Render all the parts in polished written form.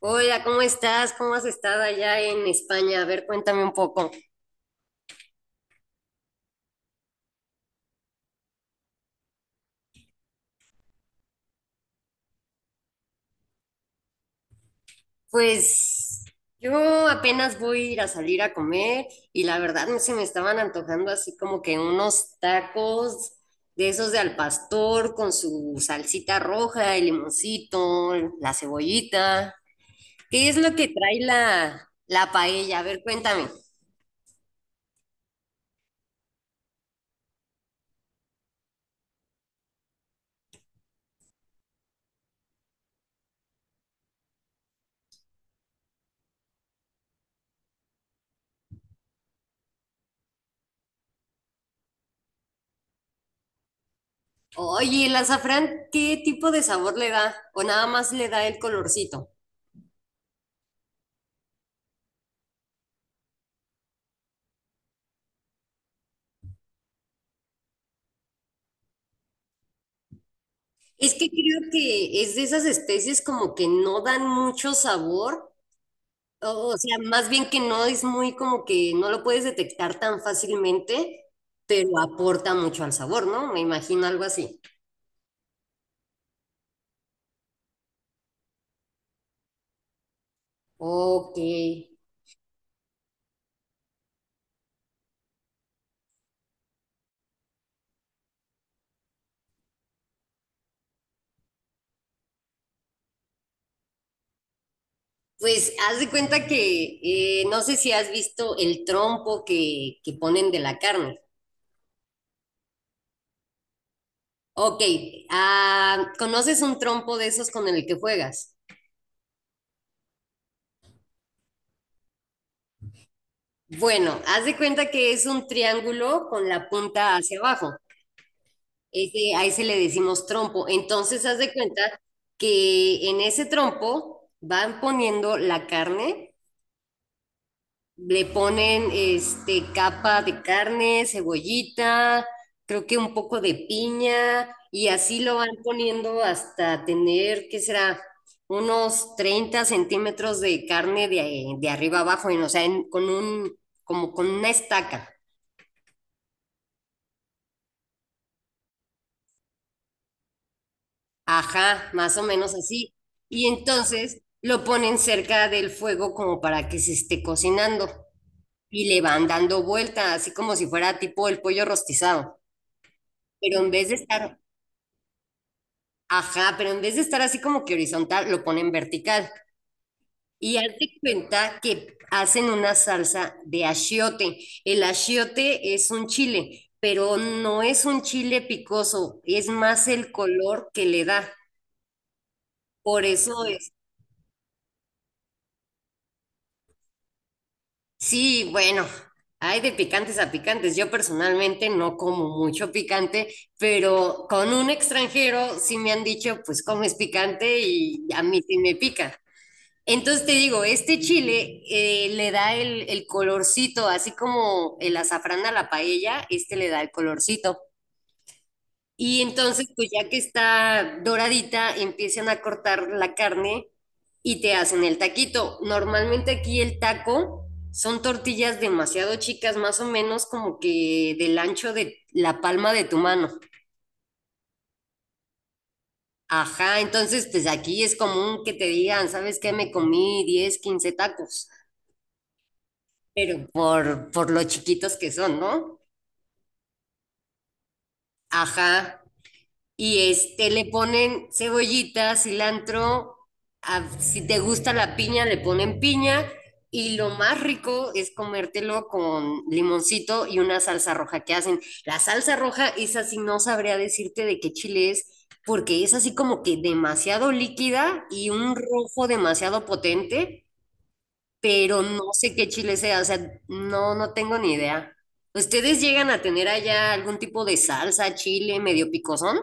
Hola, ¿cómo estás? ¿Cómo has estado allá en España? A ver, cuéntame un poco. Pues yo apenas voy a ir a salir a comer y la verdad se me estaban antojando así como que unos tacos de esos de al pastor con su salsita roja, el limoncito, la cebollita. ¿Qué es lo que trae la paella? A ver, cuéntame. Oye, ¿el azafrán qué tipo de sabor le da? ¿O nada más le da el colorcito? Es que creo que es de esas especies como que no dan mucho sabor, o, o sea, más bien que no es muy como que no lo puedes detectar tan fácilmente, pero aporta mucho al sabor, ¿no? Me imagino algo así. Ok, pues haz de cuenta que no sé si has visto el trompo que ponen de la carne. Ok, ¿conoces un trompo de esos con el que juegas? Bueno, haz de cuenta que es un triángulo con la punta hacia abajo. Ese, a ese le decimos trompo. Entonces, haz de cuenta que en ese trompo van poniendo la carne, le ponen capa de carne, cebollita, creo que un poco de piña, y así lo van poniendo hasta tener, ¿qué será? Unos 30 centímetros de carne de arriba abajo, o sea, como con una estaca. Ajá, más o menos así. Y entonces lo ponen cerca del fuego como para que se esté cocinando y le van dando vuelta, así como si fuera tipo el pollo rostizado. Pero en vez de estar, Ajá, pero en vez de estar así como que horizontal, lo ponen vertical. Y hazte cuenta que hacen una salsa de achiote. El achiote es un chile, pero no es un chile picoso, es más el color que le da. Por eso. Sí, bueno, hay de picantes a picantes. Yo personalmente no como mucho picante, pero con un extranjero sí me han dicho, pues comes picante y a mí sí me pica. Entonces te digo, este chile le da el colorcito, así como el azafrán a la paella, este le da el colorcito. Y entonces, pues ya que está doradita, empiezan a cortar la carne y te hacen el taquito. Normalmente aquí el taco son tortillas demasiado chicas, más o menos como que del ancho de la palma de tu mano. Ajá, entonces pues aquí es común que te digan, ¿sabes qué? Me comí 10, 15 tacos, pero por lo chiquitos que son, ¿no? Ajá. Y le ponen cebollita, cilantro, si te gusta la piña, le ponen piña. Y lo más rico es comértelo con limoncito y una salsa roja que hacen. La salsa roja, esa sí no sabría decirte de qué chile es, porque es así como que demasiado líquida y un rojo demasiado potente, pero no sé qué chile sea, o sea, no, no tengo ni idea. ¿Ustedes llegan a tener allá algún tipo de salsa, chile medio picosón?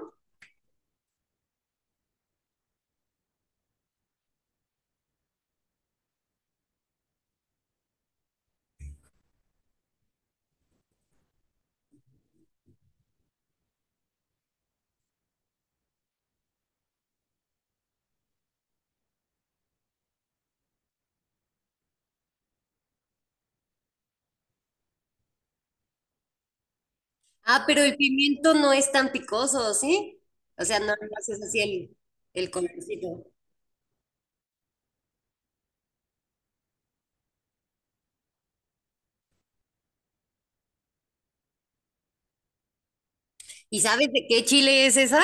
Ah, pero el pimiento no es tan picoso, ¿sí? O sea, no haces así el colorcito. ¿Y sabes de qué chile es esa?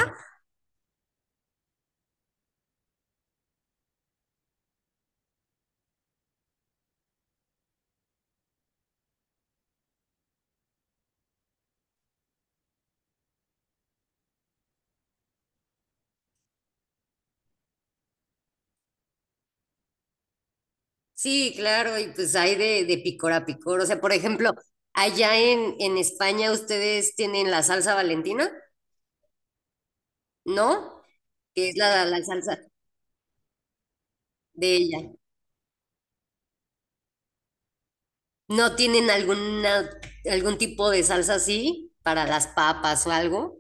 Sí, claro, y pues hay de picor a picor. O sea, por ejemplo, allá en España ustedes tienen la salsa Valentina, ¿no? Que es la salsa de ella. ¿No tienen algún tipo de salsa así para las papas o algo?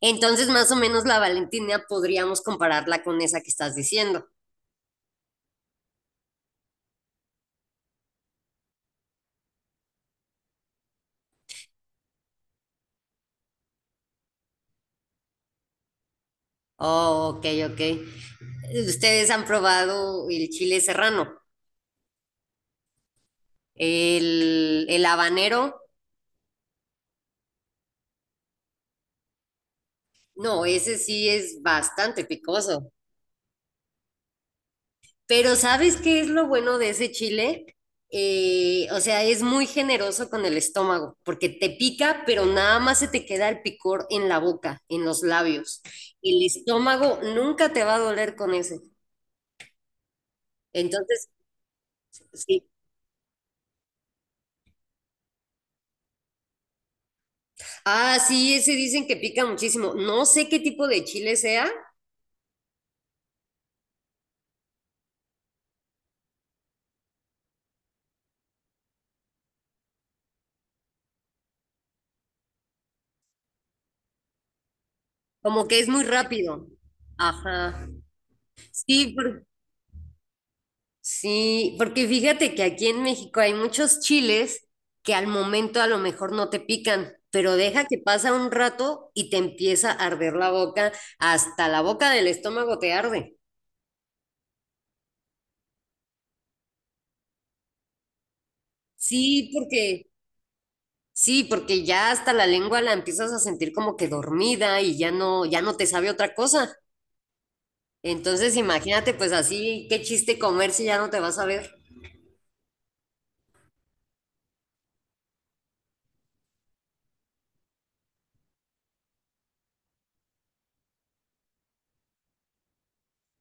Entonces, más o menos la Valentina podríamos compararla con esa que estás diciendo. Oh, ok, ok. ¿Ustedes han probado el chile serrano? El habanero, no, ese sí es bastante picoso. Pero ¿sabes qué es lo bueno de ese chile? O sea, es muy generoso con el estómago, porque te pica, pero nada más se te queda el picor en la boca, en los labios. El estómago nunca te va a doler con ese. Entonces, sí. Ah, sí, ese dicen que pica muchísimo. No sé qué tipo de chile sea. Como que es muy rápido. Ajá. Sí, por- sí, porque fíjate que aquí en México hay muchos chiles que al momento a lo mejor no te pican, pero deja que pasa un rato y te empieza a arder la boca, hasta la boca del estómago te arde. Sí, porque sí, porque ya hasta la lengua la empiezas a sentir como que dormida y ya no te sabe otra cosa. Entonces, imagínate pues así, qué chiste comer si ya no te vas a ver.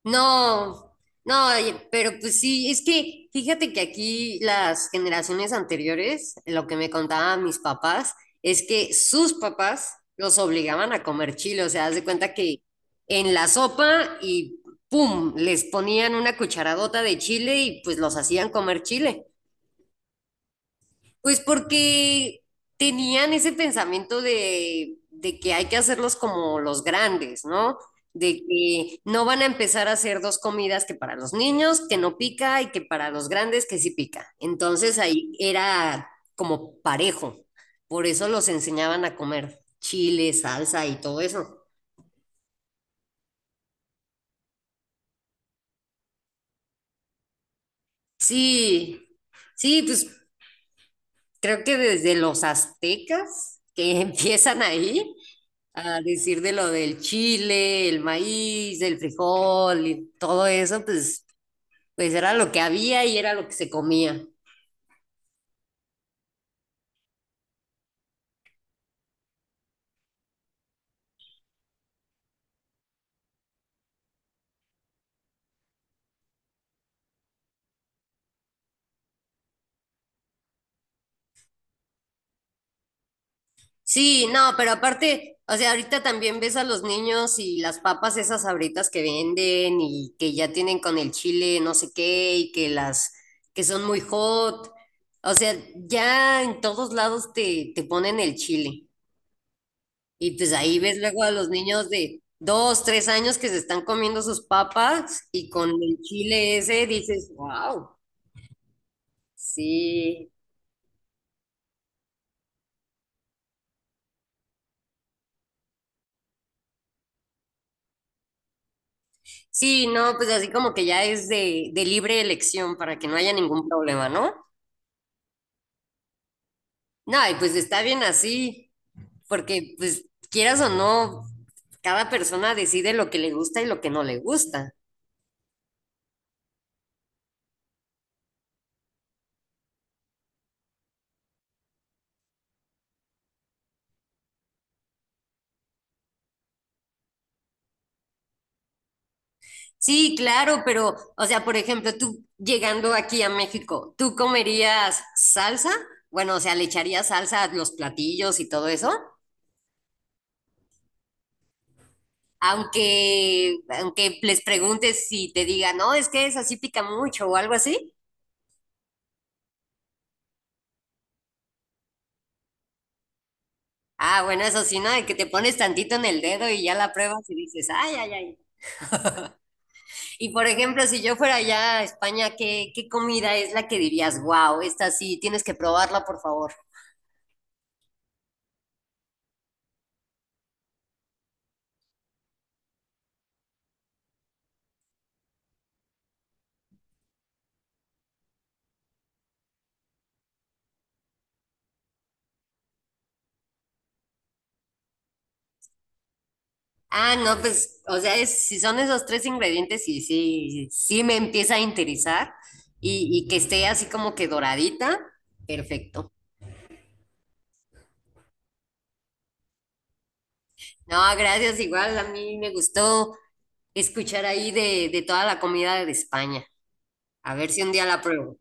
No, no, oye, pero pues sí, es que fíjate que aquí las generaciones anteriores, lo que me contaban mis papás, es que sus papás los obligaban a comer chile, o sea, haz de cuenta que en la sopa y pum, les ponían una cucharadota de chile y pues los hacían comer chile. Pues porque tenían ese pensamiento de que hay que hacerlos como los grandes, ¿no? De que no van a empezar a hacer dos comidas que para los niños, que no pica, y que para los grandes, que sí pica. Entonces ahí era como parejo. Por eso los enseñaban a comer chile, salsa y todo eso. Sí, sí, pues creo que desde los aztecas que empiezan ahí a decir de lo del chile, el maíz, el frijol y todo eso, pues era lo que había y era lo que se comía. Sí, no, pero aparte, o sea, ahorita también ves a los niños y las papas esas abritas que venden y que ya tienen con el chile no sé qué y que las que son muy hot. O sea, ya en todos lados te ponen el chile. Y pues ahí ves luego a los niños de 2, 3 años que se están comiendo sus papas y con el chile ese dices, wow, sí. Sí, no, pues así como que ya es de libre elección para que no haya ningún problema, ¿no? No, y pues está bien así, porque pues quieras o no, cada persona decide lo que le gusta y lo que no le gusta. Sí, claro, pero, o sea, por ejemplo, tú llegando aquí a México, ¿tú comerías salsa? Bueno, o sea, ¿le echarías salsa a los platillos y todo eso? Aunque les preguntes si te digan, no, es que esa sí pica mucho o algo así. Ah, bueno, eso sí, ¿no? De que te pones tantito en el dedo y ya la pruebas y dices, ay, ay, ay. Y por ejemplo, si yo fuera allá a España, ¿qué comida es la que dirías, wow, esta sí, tienes que probarla, por favor? Ah, no, pues, o sea, si son esos tres ingredientes, sí, sí, sí me empieza a interesar y que esté así como que doradita, perfecto. No, gracias, igual a mí me gustó escuchar ahí de toda la comida de España. A ver si un día la pruebo.